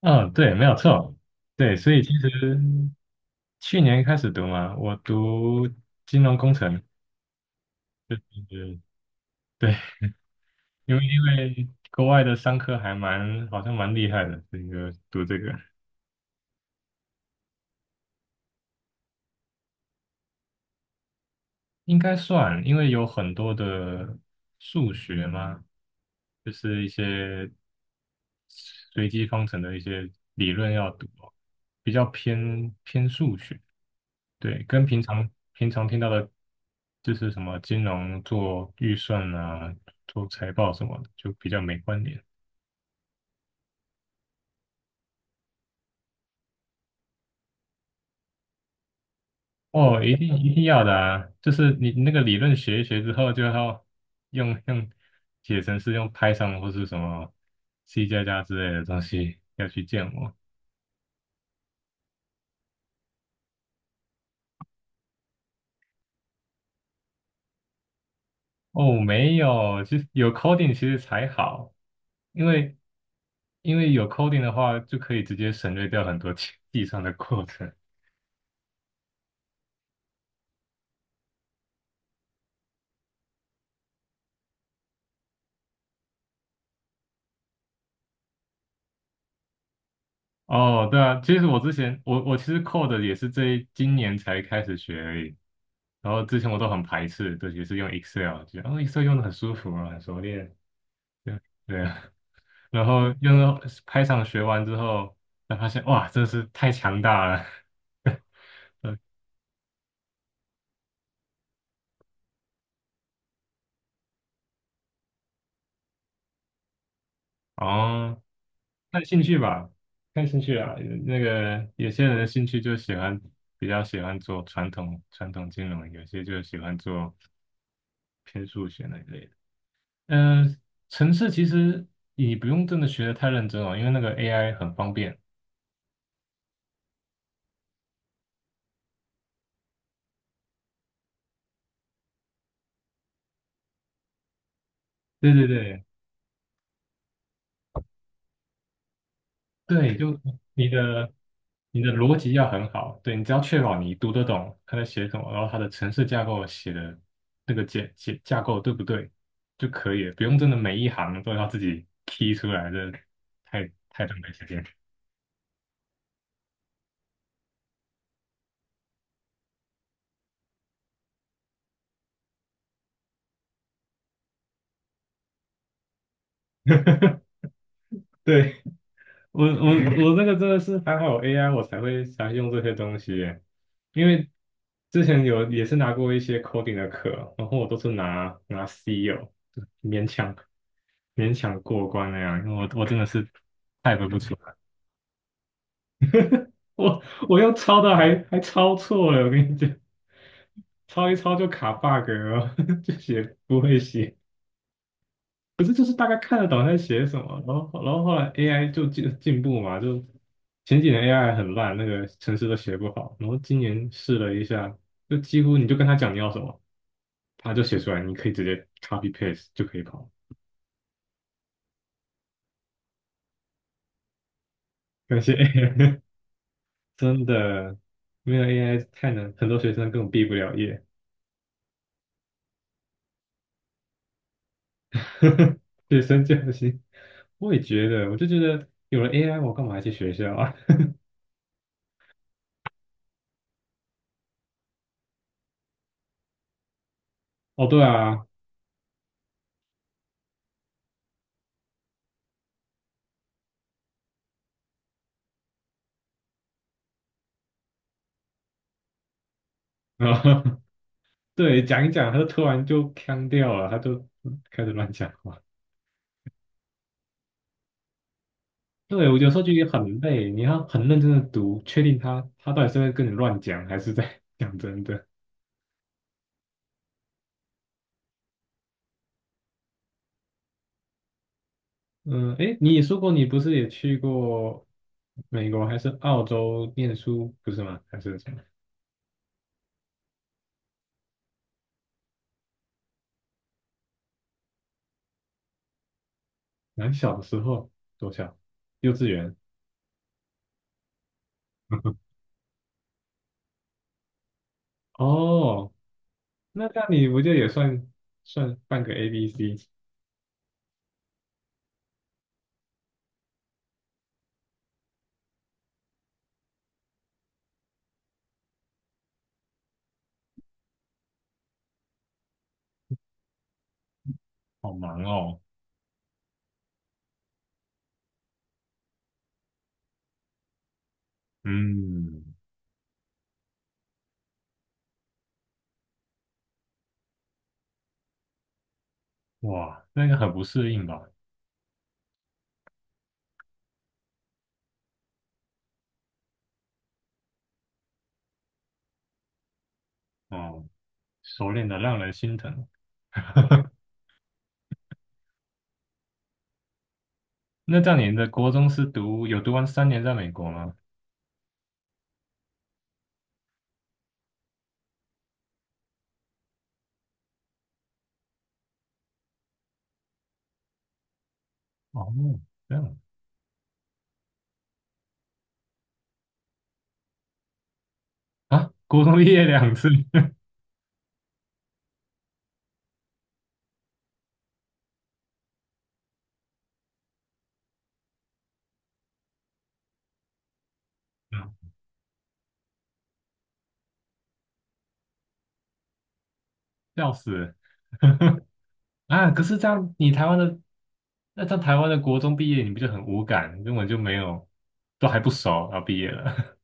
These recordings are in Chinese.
嗯，对，没有错，对，所以其实去年开始读嘛，我读金融工程，就是对，因为国外的商科还蛮好像蛮厉害的，这个读这个应该算，因为有很多的数学嘛，就是一些随机方程的一些理论要读哦，比较偏数学，对，跟平常听到的，就是什么金融做预算啊、做财报什么的，就比较没关联。哦，一定一定要的啊！就是你那个理论学一学之后，就要用用写成是用 Python 或是什么 C 加加之类的东西要去建模。哦，没有，其实有 coding 其实才好，因为因为有 coding 的话，就可以直接省略掉很多 计算的过程。哦，对啊，其实我之前我其实 code 也是今年才开始学而已，然后之前我都很排斥，对，也是用 Excel，觉得哦 Excel 用的很舒服啊，很熟练，对对啊，然后用到开场学完之后，才发现哇，真是太强大了，对，哦，看兴趣吧，看兴趣啊，那个有些人的兴趣就喜欢比较喜欢做传统金融，有些就喜欢做偏数学那一类的。呃，程式其实你不用真的学的太认真哦，因为那个 AI 很方便。对对对对，就你的你的逻辑要很好，对你只要确保你读得懂他在写什么，然后他的程式架构写的那个架构对不对就可以了，不用真的每一行都要自己 key 出来，的，太太浪费时间。对，我这个真的是还好有 AI 我才会才用这些东西耶因为之前有也是拿过一些 coding 的课，然后我都是拿 C 有勉强勉强过关那样，因为我真的是 type 不出来，我我用抄的还抄错了，我跟你讲，抄一抄就卡 bug 了，就写不会写。可是就是大概看得懂他在写什么，然后后来 AI 就进步嘛，就前几年 AI 很烂，那个程式都写不好，然后今年试了一下，就几乎你就跟他讲你要什么，他就写出来，你可以直接 copy paste 就可以跑。感谢 AI，真的没有 AI 太难，很多学生根本毕不了业。学生不行。我也觉得，我就觉得有了 AI，我干嘛还去学校啊？哦，对啊，啊对，讲一讲，他就突然就腔掉了，他就开始乱讲话。对，我有时候就也很累，你要很认真的读，确定他他到底是在跟你乱讲，还是在 讲真的。嗯，诶，你也说过你不是也去过美国还是澳洲念书，不是吗？还是什么？蛮小的时候，多小？幼稚园。哦，那那你不就也算算半个 ABC？好忙哦。嗯，哇，那个很不适应吧？哦。熟练的让人心疼。那这样你的国中是读有读完3年在美国吗？哦，这样啊，国中毕业2次，笑死啊！可是这样你台湾的那在台湾的国中毕业，你不就很无感，根本就没有，都还不熟，然后毕业了，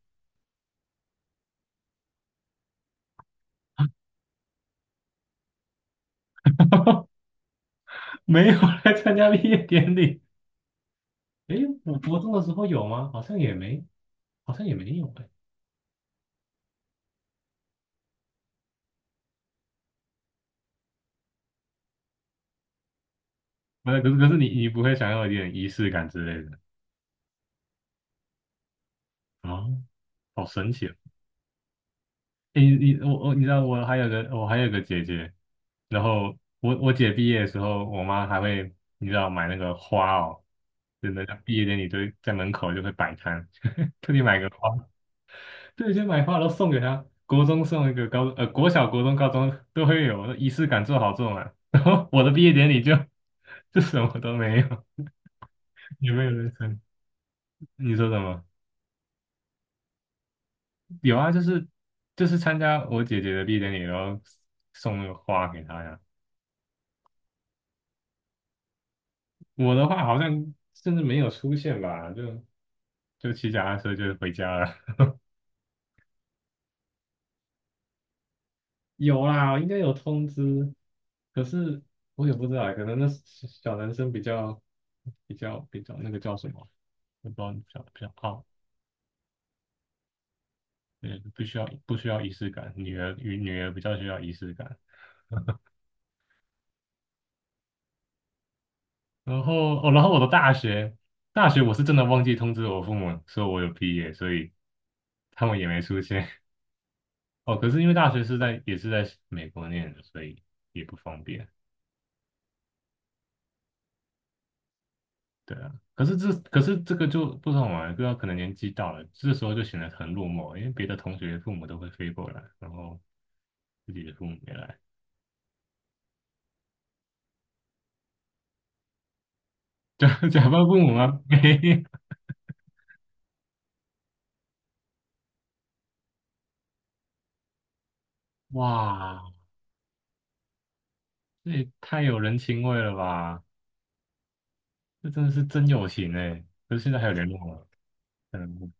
没有来参加毕业典礼。诶，我国中的时候有吗？好像也没，好像也没有诶。不是，可是你不会想要一点仪式感之类的啊？好神奇哦！你我你知道我还有个姐姐，然后我姐毕业的时候，我妈还会你知道买那个花哦，真的，像毕业典礼都在门口就会摆摊，特地买个花，对，就买花然后送给她，国中送一个，高呃国小、国中、高中都会有，仪式感做好做满。然后我的毕业典礼就什么都没有，有没有人生。你说什么？有啊，就是参加我姐姐的毕业典礼，然后送那个花给她呀。我的话好像甚至没有出现吧，就骑脚踏车就回家了。有啦，应该有通知，可是我也不知道，可能那小小男生比较比较那个叫什么，我不知道比较傲，对，不需要仪式感，女儿与女儿比较需要仪式感。然后哦，然后我的大学我是真的忘记通知我父母说我有毕业，所以他们也没出现。哦，可是因为大学是在也是在美国念的，所以也不方便。对啊，可是这个就不好玩，不知道可能年纪到了，这时候就显得很落寞，因为别的同学父母都会飞过来，然后自己的父母没来，假 假扮父母吗？没，哇，这也太有人情味了吧！这真的是真友情哎。可是现在还有联络吗？嗯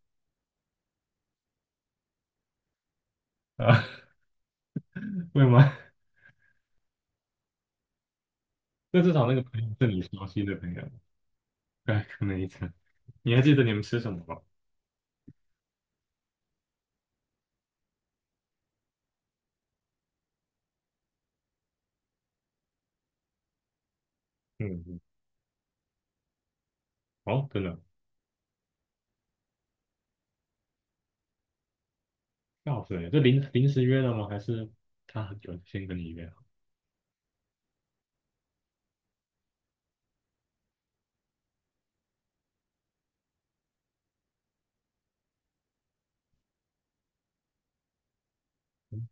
啊，会吗？那至少那个朋友是你熟悉的朋友，对，可能一层。你还记得你们吃什么吗？嗯，嗯哦，真的哦。要死这临时约的吗？还是他有先跟你约好？嗯，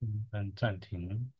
嗯，按暂停。